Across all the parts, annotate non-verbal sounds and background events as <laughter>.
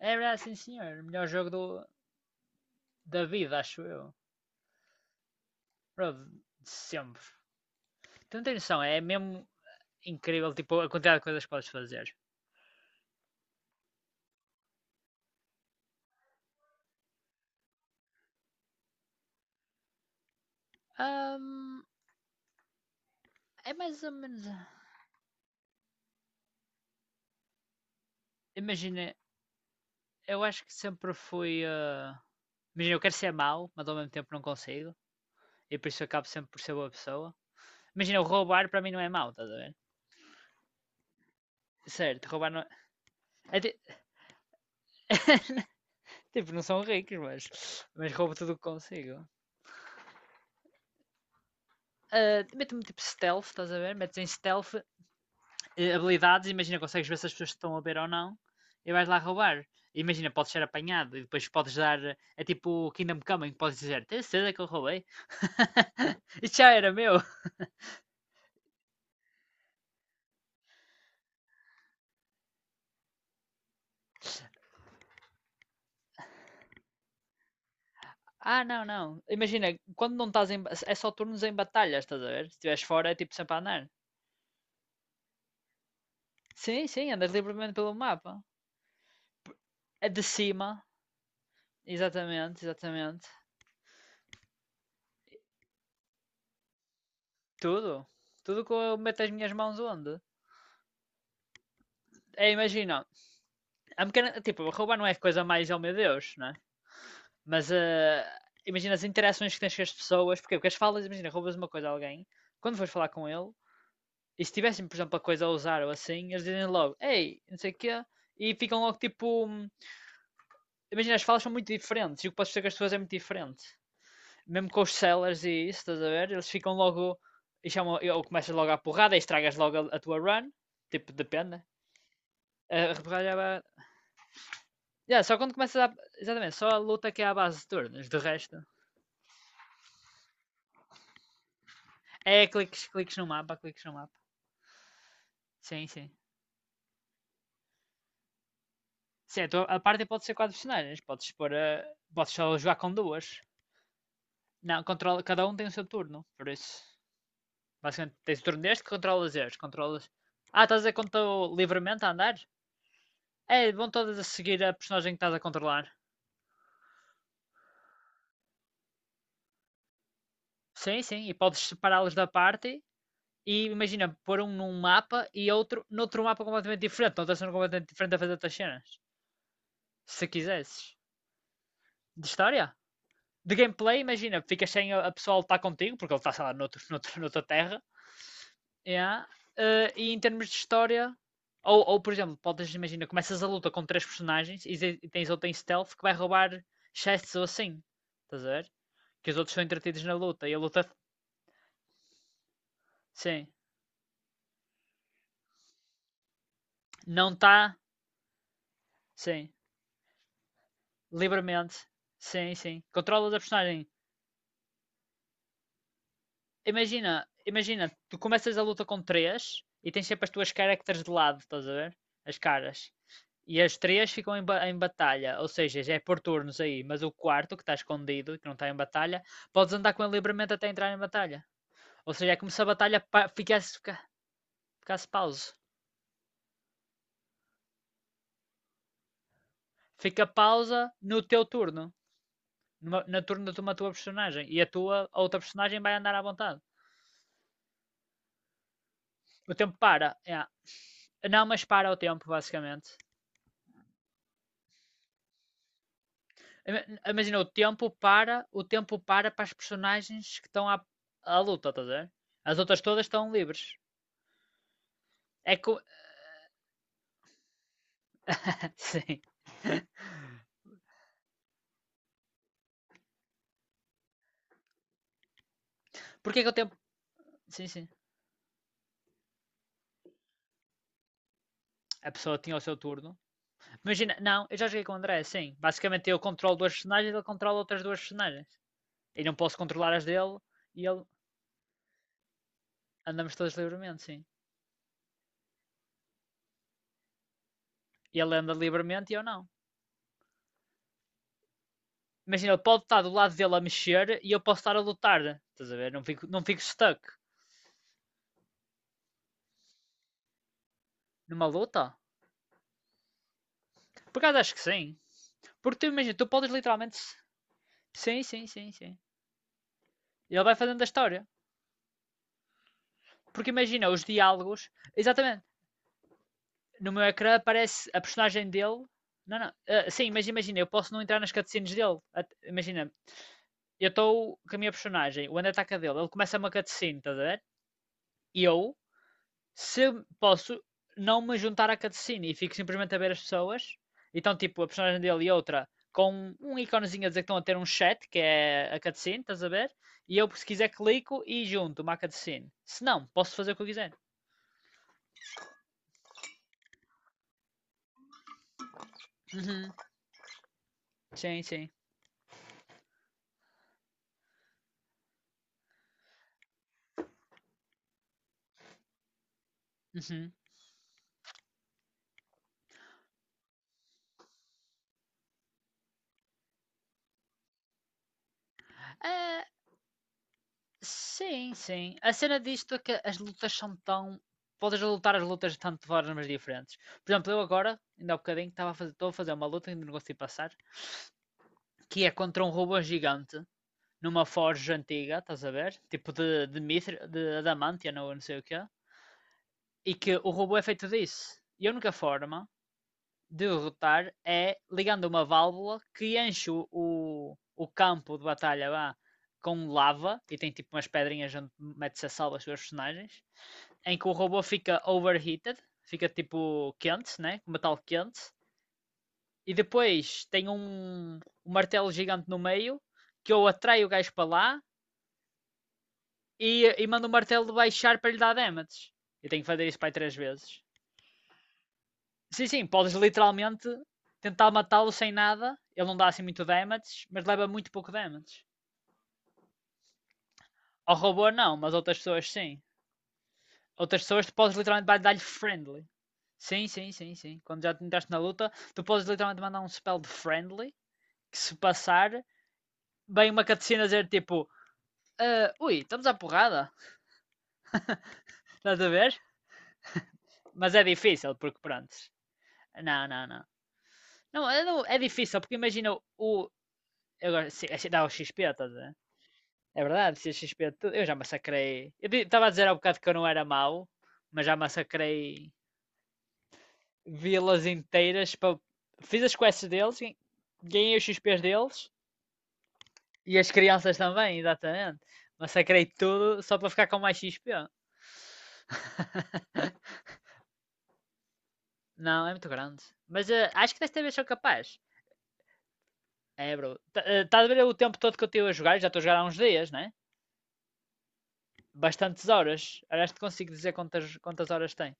Era, sim senhor. Melhor jogo da vida, acho eu. Bro, de sempre. Tu não tens noção, é mesmo incrível tipo, a quantidade de coisas que podes fazer. Ahm, É mais ou menos. Imagina, eu acho que sempre fui. Imagina, eu quero ser mau, mas ao mesmo tempo não consigo. E por isso eu acabo sempre por ser boa pessoa. Imagina, o roubar para mim não é mau, estás a ver? Certo, roubar não. É é ti- <laughs> tipo, não são ricos, mas. Mas roubo tudo o que consigo. Ah, meto-me tipo stealth, estás a ver? Metes em stealth, habilidades, imagina, consegues ver se as pessoas te estão a ver ou não e vais lá roubar. Imagina, podes ser apanhado e depois podes dar. É tipo o Kingdom Come, em que podes dizer: tens certeza que eu roubei? <laughs> Isto já era meu. Ah, não, não. Imagina, quando não estás em. É só turnos em batalha, estás a ver? Se estiveres fora, é tipo sempre a andar. Sim, sim, andas livremente pelo mapa. É de cima, exatamente, exatamente. Tudo. Tudo que eu meto as minhas mãos onde. É, imagina, a mecânica, tipo, roubar não é coisa mais, oh meu Deus, né? Mas imagina as interações que tens com as pessoas, porquê? Porque as falas, imagina, roubas uma coisa a alguém, quando fores falar com ele, e se tivessem, por exemplo, a coisa a usar ou assim, eles dizem logo, ei, não sei o quê, e ficam logo tipo. Imagina, as falas são muito diferentes e o que podes dizer com as pessoas é muito diferente. Mesmo com os sellers e isso, estás a ver? Eles ficam logo. E chamam, ou começas logo a porrada e estragas logo a tua run. Tipo, depende, né? A porrada é. Yeah, só quando começas a. Exatamente, só a luta que é à base de turnos. De resto, é cliques, cliques no mapa. Sim, sim. Certo, a parte pode ser quatro personagens. Podes pôr a... Podes só jogar com duas. Não, controla... cada um tem o seu turno. Por isso, basicamente, tens o turno deste que controlas este. Controlas... Ah, estás a dizer quando estou livremente a andar? É, vão todas a seguir a personagem que estás a controlar. Sim, sim. E podes separá-los da party. E imagina, pôr um num mapa e outro noutro mapa completamente diferente. Noutra cena completamente diferente a fazer outras cenas. Se quisesses. De história? De gameplay, imagina, ficas sem a pessoa a lutar contigo, porque ele está, sei lá, <laughs> noutra terra. Yeah. E em termos de história, ou por exemplo, podes imaginar, começas a luta com três personagens, e tens outra em stealth que vai roubar chests ou assim. Estás a ver? Que os outros são entretidos na luta. E a luta, sim, não está, sim, livremente. Sim, sim. Controlas a personagem. Imagina, tu começas a luta com três e tens sempre as tuas characters de lado, estás a ver? As caras. E as três ficam em, em batalha, ou seja, já é por turnos aí, mas o quarto, que está escondido, que não está em batalha, podes andar com ele livremente até entrar em batalha. Ou seja, é como se a batalha ficasse, fica- ficasse pausa. Fica pausa no teu turno, na turno de uma tua personagem, e a tua a outra personagem vai andar à vontade. O tempo para, yeah. Não, mas para o tempo, basicamente. Imagina, o tempo para, o tempo para as personagens que estão à luta, estás a ver? As outras todas estão livres. É que o. <laughs> Sim. Porque é que o tempo. Sim, sim. A pessoa tinha o seu turno. Imagina, não, eu já joguei com o André, sim. Basicamente eu controlo duas personagens, ele controla outras duas personagens. E não posso controlar as dele e ele. Andamos todos livremente, sim. E ele anda livremente e eu não. Imagina, ele pode estar do lado dele a mexer e eu posso estar a lutar. Estás a ver? Não fico stuck numa luta. Por acaso acho que sim. Porque tu imagina, tu podes literalmente. Sim, sim, sim, sim. Ele vai fazendo a história. Porque imagina, os diálogos. Exatamente. No meu ecrã aparece a personagem dele. Não, não. Sim, mas imagina, eu posso não entrar nas cutscenes dele. Imagina, eu estou com a minha personagem, o André ataca dele, ele começa uma cutscene, estás a ver? E eu se posso não me juntar à cutscene e fico simplesmente a ver as pessoas, então tipo a personagem dele e outra com um íconezinho a dizer que estão a ter um chat, que é a cutscene, estás a ver? E eu, se quiser, clico e junto uma cutscene. Se não, posso fazer o que eu quiser. Uhum. Sim, sim. Uhum. Ah, sim, sim. A cena disto é que as lutas são tão. Podes lutar as lutas de tanto de formas diferentes. Por exemplo, eu agora, ainda há bocadinho, estou a fazer uma luta que ainda não consegui passar, que é contra um robô gigante numa forja antiga, estás a ver? Tipo de mitri, de adamantia ou não sei o quê. E que o robô é feito disso. E a única forma de derrotar é ligando uma válvula que enche o campo de batalha lá com lava e tem tipo umas pedrinhas onde mete-se a salva os seus personagens. Em que o robô fica overheated, fica tipo quente, né? Com metal quente. E depois tem um martelo gigante no meio que ou atrai o gajo para lá e mando o martelo baixar para lhe dar damage. Eu tenho que fazer isso para aí três vezes. Sim, sim, podes literalmente tentar matá-lo sem nada. Ele não dá assim muito damage, mas leva muito pouco damage. Ao robô não, mas outras pessoas sim. Outras pessoas tu podes literalmente dar-lhe friendly. Sim, sim, sim, sim. Quando já te entraste na luta, tu podes literalmente mandar um spell de friendly, que se passar, vem uma cutscene a dizer tipo, ah, ui, estamos à porrada. Estás a ver? Mas é difícil, porque pronto. Não, não, não. Não, é, é difícil, porque imagina o. Agora, se dá o XP, estás a ver? É verdade, se é XP, eu já massacrei. Eu estava a dizer há bocado que eu não era mau, mas já massacrei vilas inteiras. Para... Fiz as quests deles, ganhei os x XPs deles e as crianças também, exatamente. Massacrei tudo só para ficar com mais x XP. <laughs> Não, é muito grande. Mas acho que desta vez sou capaz. É, bro. Estás a ver o tempo todo que eu estive a jogar? Eu já estou a jogar há uns dias, né? Bastantes horas. Aliás, te consigo dizer quantas horas tem.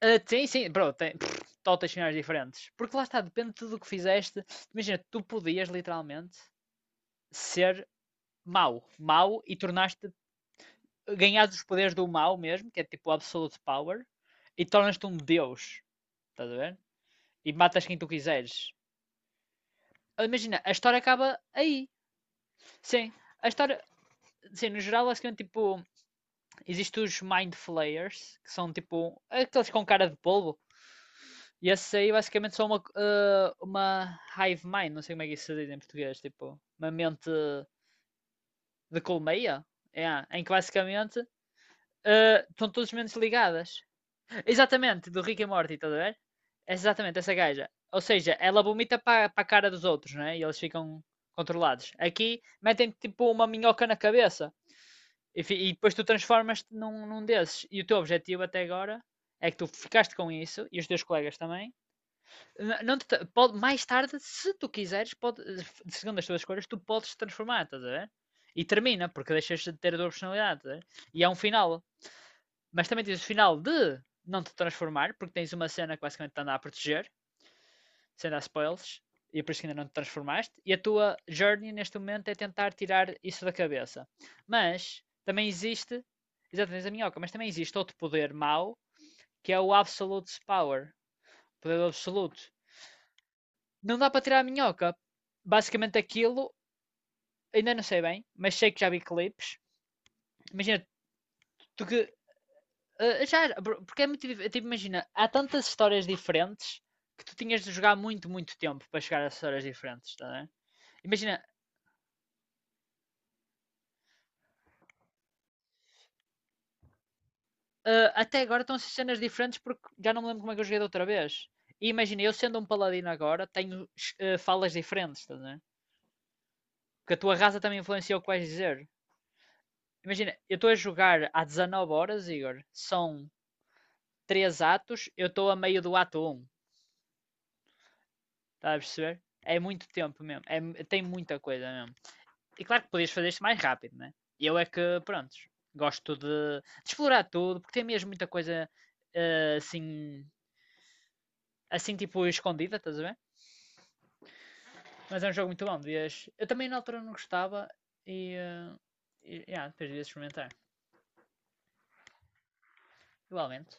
Ah, sim, sim, bro, tem pff, totas finais diferentes. Porque lá está, depende de tudo o que fizeste. Imagina, tu podias literalmente ser mau, mau e tornaste, ganhaste os poderes do mau mesmo, que é tipo absolute power, e tornas-te um deus, estás a ver? E matas quem tu quiseres. Imagina, a história acaba aí. Sim, a história, sim, no geral, basicamente, tipo, existem os Mind Flayers, que são tipo aqueles com cara de polvo. E esses aí basicamente são uma hive mind, não sei como é que isso se diz em português, tipo, uma mente de colmeia, é, em que basicamente estão todas as mentes ligadas. Exatamente, do Rick e Morty, estás a ver? É exatamente, essa gaja. Ou seja, ela vomita para a cara dos outros, né? E eles ficam controlados. Aqui metem tipo uma minhoca na cabeça enfim, e depois tu transformas-te num desses. E o teu objetivo até agora é que tu ficaste com isso e os teus colegas também. Não te pode, mais tarde, se tu quiseres, pode, segundo as tuas escolhas, tu podes te transformar, estás a ver? E termina, porque deixas de ter a tua personalidade, estás a ver? E há um final. Mas também tens o final de não te transformar, porque tens uma cena que basicamente te anda a proteger sem dar spoilers, e é por isso que ainda não te transformaste, e a tua journey neste momento é tentar tirar isso da cabeça. Mas também existe, exatamente a minhoca, mas também existe outro poder mau, que é o Absolute Power, poder absoluto. Não dá para tirar a minhoca. Basicamente aquilo, ainda não sei bem, mas sei que já vi clipes. Imagina, tu que. Já, porque é muito tipo, imagina, há tantas histórias diferentes que tu tinhas de jogar muito, muito tempo para chegar a histórias diferentes, tá, a. Imagina, ah, até agora estão a ser cenas diferentes porque já não me lembro como é que eu joguei da outra vez. E imagina, eu sendo um paladino agora, tenho falas diferentes, estás a. Porque a tua raça também influencia o que vais dizer. Imagina, eu estou a jogar há 19 horas, Igor. São 3 atos, eu estou a meio do ato um. Estás a perceber? É muito tempo mesmo. É, tem muita coisa mesmo. E claro que podias fazer isto mais rápido, né? Eu é que, prontos, gosto de explorar tudo, porque tem mesmo muita coisa assim, assim tipo escondida, estás a ver? Mas é um jogo muito bom. Devias... Eu também na altura não gostava e. E yeah, depois devias experimentar. Igualmente.